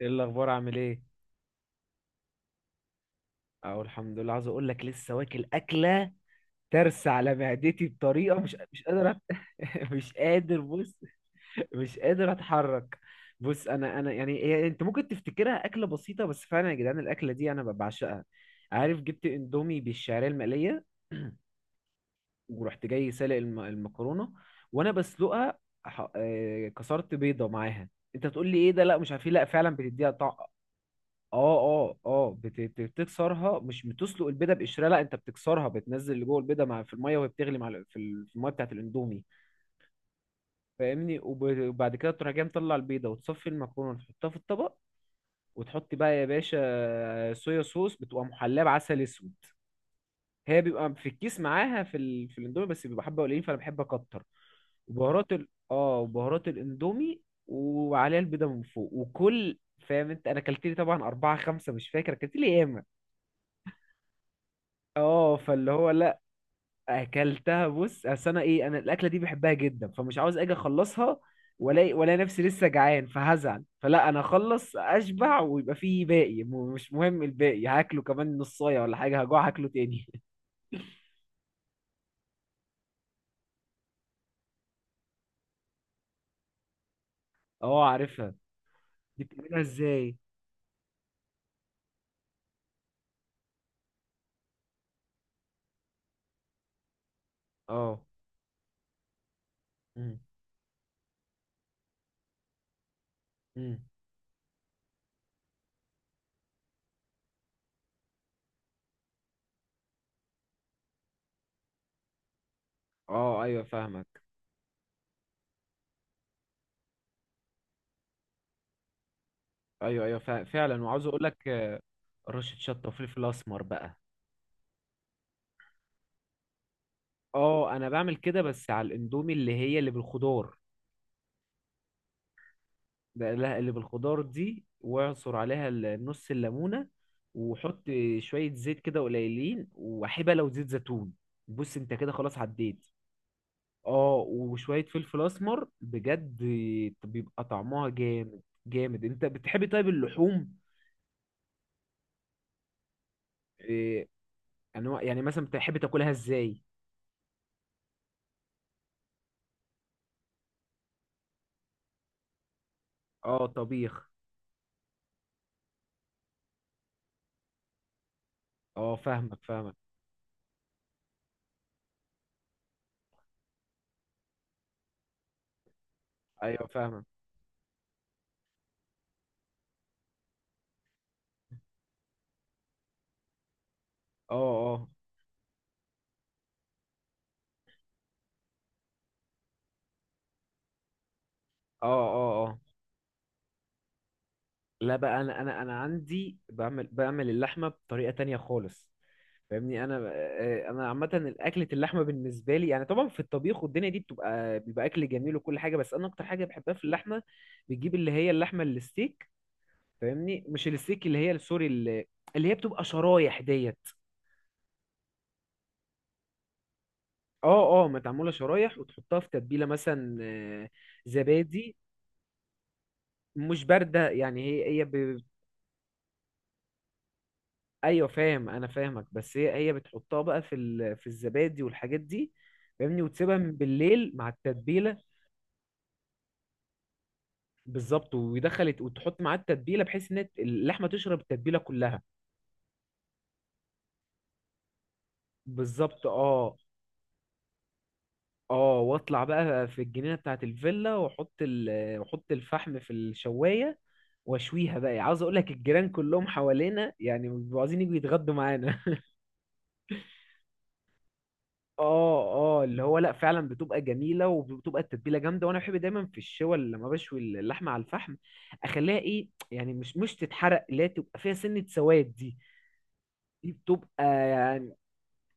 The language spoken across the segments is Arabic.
ايه الاخبار؟ عامل ايه؟ اهو الحمد لله، عاوز اقول لك لسه واكل اكله ترسى على معدتي بطريقه مش قادر مش قادر، بص. مش قادر اتحرك. بص، انا يعني هي انت ممكن تفتكرها اكله بسيطه، بس فعلا يا جدعان الاكله دي انا بعشقها. عارف، جبت اندومي بالشعريه المقليه. ورحت جاي سالق المكرونه، وانا بسلقها ح... آه، كسرت بيضه معاها. انت تقول لي ايه ده؟ لا مش عارف ايه، لا فعلا بتديها طعم. اه اه اه، بتكسرها. مش بتسلق البيضه بقشرها، لا انت بتكسرها، بتنزل اللي جوه البيضه مع في الميه وهي بتغلي مع ال- في ال- في الميه بتاعت الاندومي. فاهمني وبعد كده تروح جاي مطلع البيضه وتصفي المكرونه وتحطها في الطبق. وتحط بقى يا باشا صويا صوص، بتبقى محلاه بعسل اسود. هي بيبقى في الكيس معاها في الاندومي، بس بيبقى حبه قليلين فانا بحب اكتر. وبهارات ال... اه وبهارات الاندومي، وعليها البيضه من فوق، وكل. فاهم انت؟ انا اكلت لي طبعا اربعه خمسه، مش فاكر اكلت لي. اه فاللي هو لا، اكلتها. بص اصل انا ايه، انا الاكله دي بحبها جدا فمش عاوز اجي اخلصها، ولا نفسي لسه جعان فهزعل، فلا انا اخلص اشبع ويبقى فيه باقي، مش مهم، الباقي هاكله كمان نصايه ولا حاجه، هجوع هاكله تاني. اه عارفها. دي بتعملها ازاي؟ اه. امم. امم. اه. ايوه فاهمك. ايوه ايوه فعلا، وعاوز اقول لك، رشه شطه وفلفل اسمر بقى. اه انا بعمل كده، بس على الاندومي اللي هي اللي بالخضار، بقلاها اللي بالخضار دي واعصر عليها نص الليمونة، وحط شوية زيت كده قليلين وحبة لو زيت زيتون. بص انت كده خلاص عديت. اه، وشوية فلفل اسمر بجد، بيبقى طعمها جامد. جامد. انت بتحبي طيب اللحوم؟ إيه، انواع يعني مثلا بتحبي تاكلها ازاي؟ اه، طبيخ. اه فاهمك، فاهمك. ايوه فاهمك. اه اه اه اه اه. لا بقى، انا عندي بعمل اللحمة بطريقة تانية خالص. فاهمني. انا عامه، الاكله اللحمه بالنسبه لي يعني طبعا في الطبيخ والدنيا دي بيبقى اكل جميل وكل حاجه، بس انا اكتر حاجه بحبها في اللحمه. بتجيب اللي هي اللحمه الستيك. فاهمني، مش الستيك، اللي هي سوري، اللي هي بتبقى شرايح ديت. اه اه، متعموله شرايح، وتحطها في تتبيله مثلا زبادي. مش بارده يعني، هي ايوه فاهم انا، فاهمك. بس هي بتحطها بقى في الزبادي والحاجات دي، فاهمني، وتسيبها من بالليل مع التتبيله. بالظبط، ويدخل، وتحط معاه التتبيله، بحيث ان اللحمه تشرب التتبيله كلها. بالظبط اه. اه، واطلع بقى في الجنينه بتاعه الفيلا واحط الفحم في الشوايه، واشويها بقى. عاوز اقول لك الجيران كلهم حوالينا يعني بيبقوا عايزين يجوا يتغدوا معانا. اه. اه اللي هو لا، فعلا بتبقى جميله وبتبقى التتبيله جامده، وانا بحب دايما في الشوى اللي لما بشوي اللحمه على الفحم اخليها ايه يعني، مش تتحرق، اللي هي تبقى فيها سنه سواد دي. دي بتبقى يعني،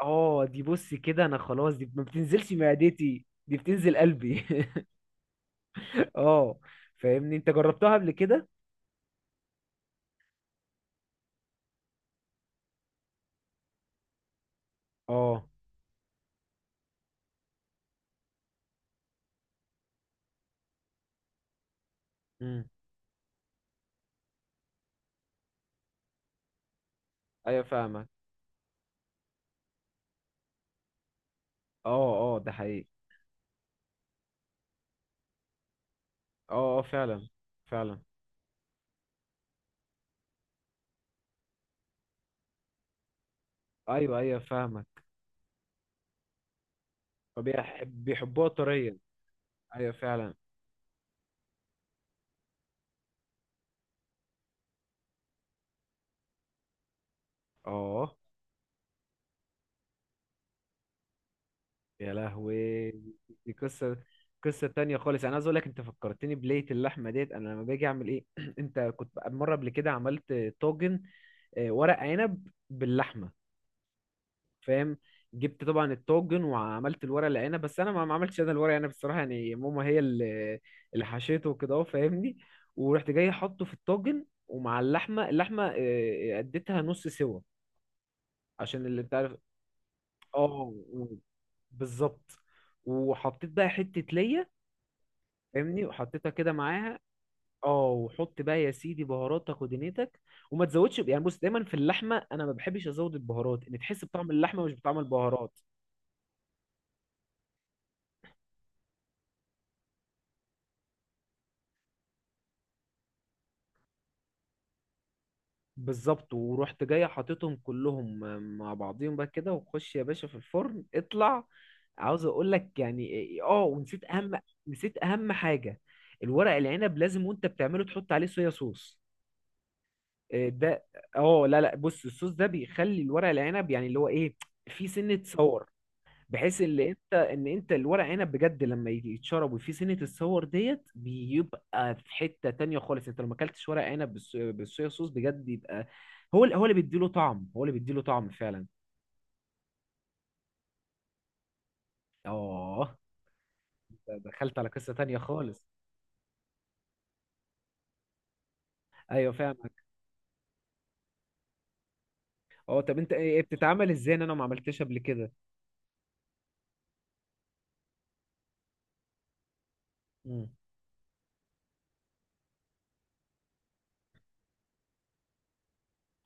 اه دي بص كده انا خلاص، دي ما بتنزلش معدتي، دي بتنزل قلبي. اه. فاهمني، انت جربتها قبل كده؟ اه. امم. ايوه فاهمك. اه اه ده حقيقي. اه اه فعلا، فعلا. ايوه ايوه فاهمك. فبيحب، بيحبوها طريا. ايوه فعلا. اه يا لهوي، دي قصه تانية خالص، انا عايز اقول لك، انت فكرتني بلية اللحمه ديت. انا لما باجي اعمل ايه انت كنت مره قبل كده عملت طاجن ورق عنب باللحمه، فاهم، جبت طبعا الطاجن وعملت الورق العنب. بس انا ما عملتش انا الورق العنب الصراحه، يعني ماما هي اللي حشيته وكده اهو فاهمني. ورحت جاي حاطه في الطاجن ومع اللحمه اديتها نص سوا عشان اللي انت عارف. اه، بالظبط. وحطيت بقى حته ليا، فاهمني، وحطيتها كده معاها. اه، وحط بقى يا سيدي بهاراتك ودنيتك، وما تزودش يعني، بص دايما في اللحمه انا ما بحبش ازود البهارات، ان تحس بطعم اللحمه مش بطعم البهارات. بالظبط، ورحت جاي حاططهم كلهم مع بعضيهم بقى كده، وخش يا باشا في الفرن، اطلع. عاوز اقول لك يعني إيه- إيه، اه ونسيت اهم، نسيت اهم حاجه، الورق العنب لازم وانت بتعمله تحط عليه صويا صوص. إيه ده؟ اه لا لا، بص الصوص ده بيخلي الورق العنب يعني اللي هو ايه، في سنه صور، بحيث ان انت الورق عنب بجد لما يجي يتشرب وفيه سنه الصور ديت، بيبقى في حته تانية خالص، انت لو ما اكلتش ورق عنب بالصويا صوص بجد يبقى، هو اللي بيديله طعم، هو اللي بيديله طعم فعلا. اه، دخلت على قصه تانية خالص. ايوه فاهمك. اه، طب انت ايه بتتعمل ازاي؟ ان انا ما عملتهاش قبل كده. امم.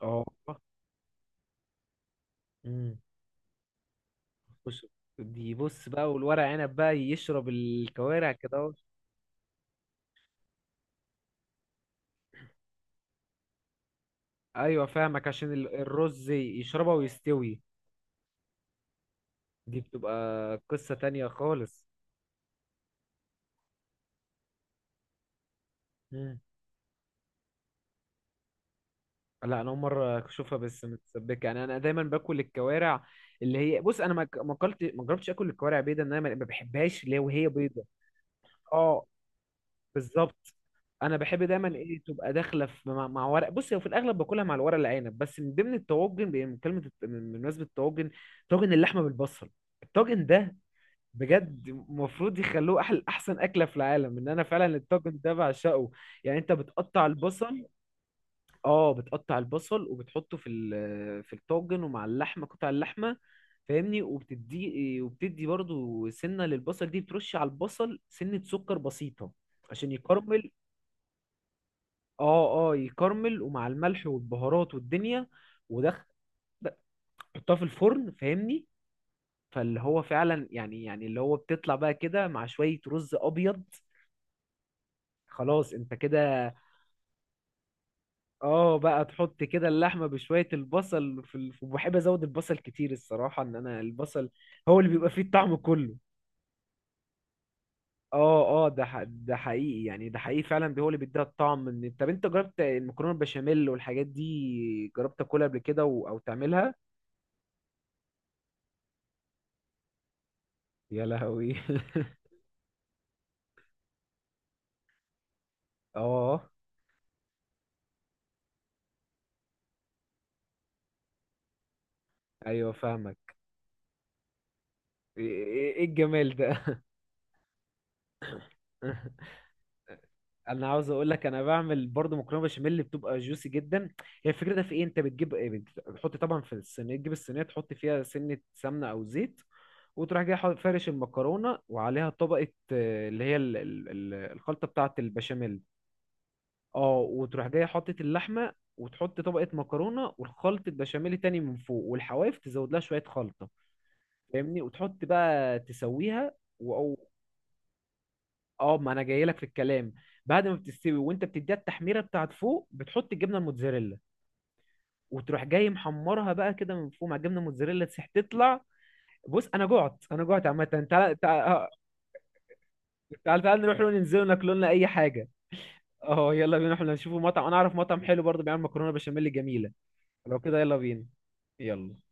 اه. امم. بص، دي بص بقى، والورق عنب بقى يشرب الكوارع كده اهو. ايوه فاهمك، عشان الرز يشربها ويستوي. دي بتبقى قصة تانية خالص. مم. لا انا اول مره اشوفها بس متسبكه يعني، انا دايما باكل الكوارع اللي هي، بص انا ما اكلت ما جربتش اكل الكوارع بيضه، ان انا ما بحبهاش اللي هي وهي بيضه. اه، بالظبط. انا بحب دايما ايه تبقى داخله في مع ورق. بص هو في الاغلب باكلها مع الورق العنب، بس من ضمن الطواجن بي- من كلمه الت- من- بمناسبه الطواجن، طاجن اللحمه بالبصل، الطاجن ده بجد المفروض يخلوه احلى احسن اكله في العالم، ان انا فعلا الطاجن ده بعشقه. يعني انت بتقطع البصل. اه، بتقطع البصل وبتحطه في الطاجن ومع اللحمه قطع اللحمه، فاهمني، وبتدي برضو سنه للبصل، دي بترش على البصل سنه سكر بسيطه عشان يكرمل. اه اه، يكرمل، ومع الملح والبهارات والدنيا، ودخل، حطها في الفرن فاهمني. فاللي هو فعلا يعني، اللي هو بتطلع بقى كده مع شويه رز ابيض. خلاص انت كده. اه، بقى تحط كده اللحمه بشويه البصل وبحب ازود البصل كتير الصراحه، ان انا البصل هو اللي بيبقى فيه الطعم كله. اه اه، ده حقيقي يعني، ده حقيقي فعلا، ده هو اللي بيديها الطعم. ان طب انت جربت المكرونه البشاميل والحاجات دي، جربت تاكلها قبل كده او تعملها؟ يا لهوي. اه، ايوه فاهمك. ايه إيه الجمال ده؟ انا عاوز اقول لك، انا بعمل برضو مكرونه بشاميل اللي بتبقى جوسي جدا. هي الفكره ده في ايه، انت بتجيب إيه؟ بتحط طبعا في الصينيه، تجيب الصينيه تحط فيها سنه سمنه او زيت، وتروح جاي فارش المكرونه وعليها طبقه اللي هي الخلطه بتاعه البشاميل. اه، وتروح جاي حاطط اللحمه وتحط طبقه مكرونه والخلطه بشاميل تاني من فوق، والحواف تزود لها شويه خلطه، فاهمني، وتحط بقى تسويها. اه، ما انا جاي لك في الكلام، بعد ما بتستوي وانت بتديها التحميره بتاعت فوق بتحط الجبنه الموتزاريلا، وتروح جاي محمرها بقى كده من فوق مع الجبنه الموتزاريلا تسيح تطلع. بص انا جعت، انا جعت عامه، تعال تعال تعال تعال نروح ننزل ناكل لنا اي حاجه. اه يلا بينا، احنا نشوفوا مطعم، انا اعرف مطعم حلو برضه بيعمل مكرونه بشاميل جميله. لو كده يلا بينا. يلا.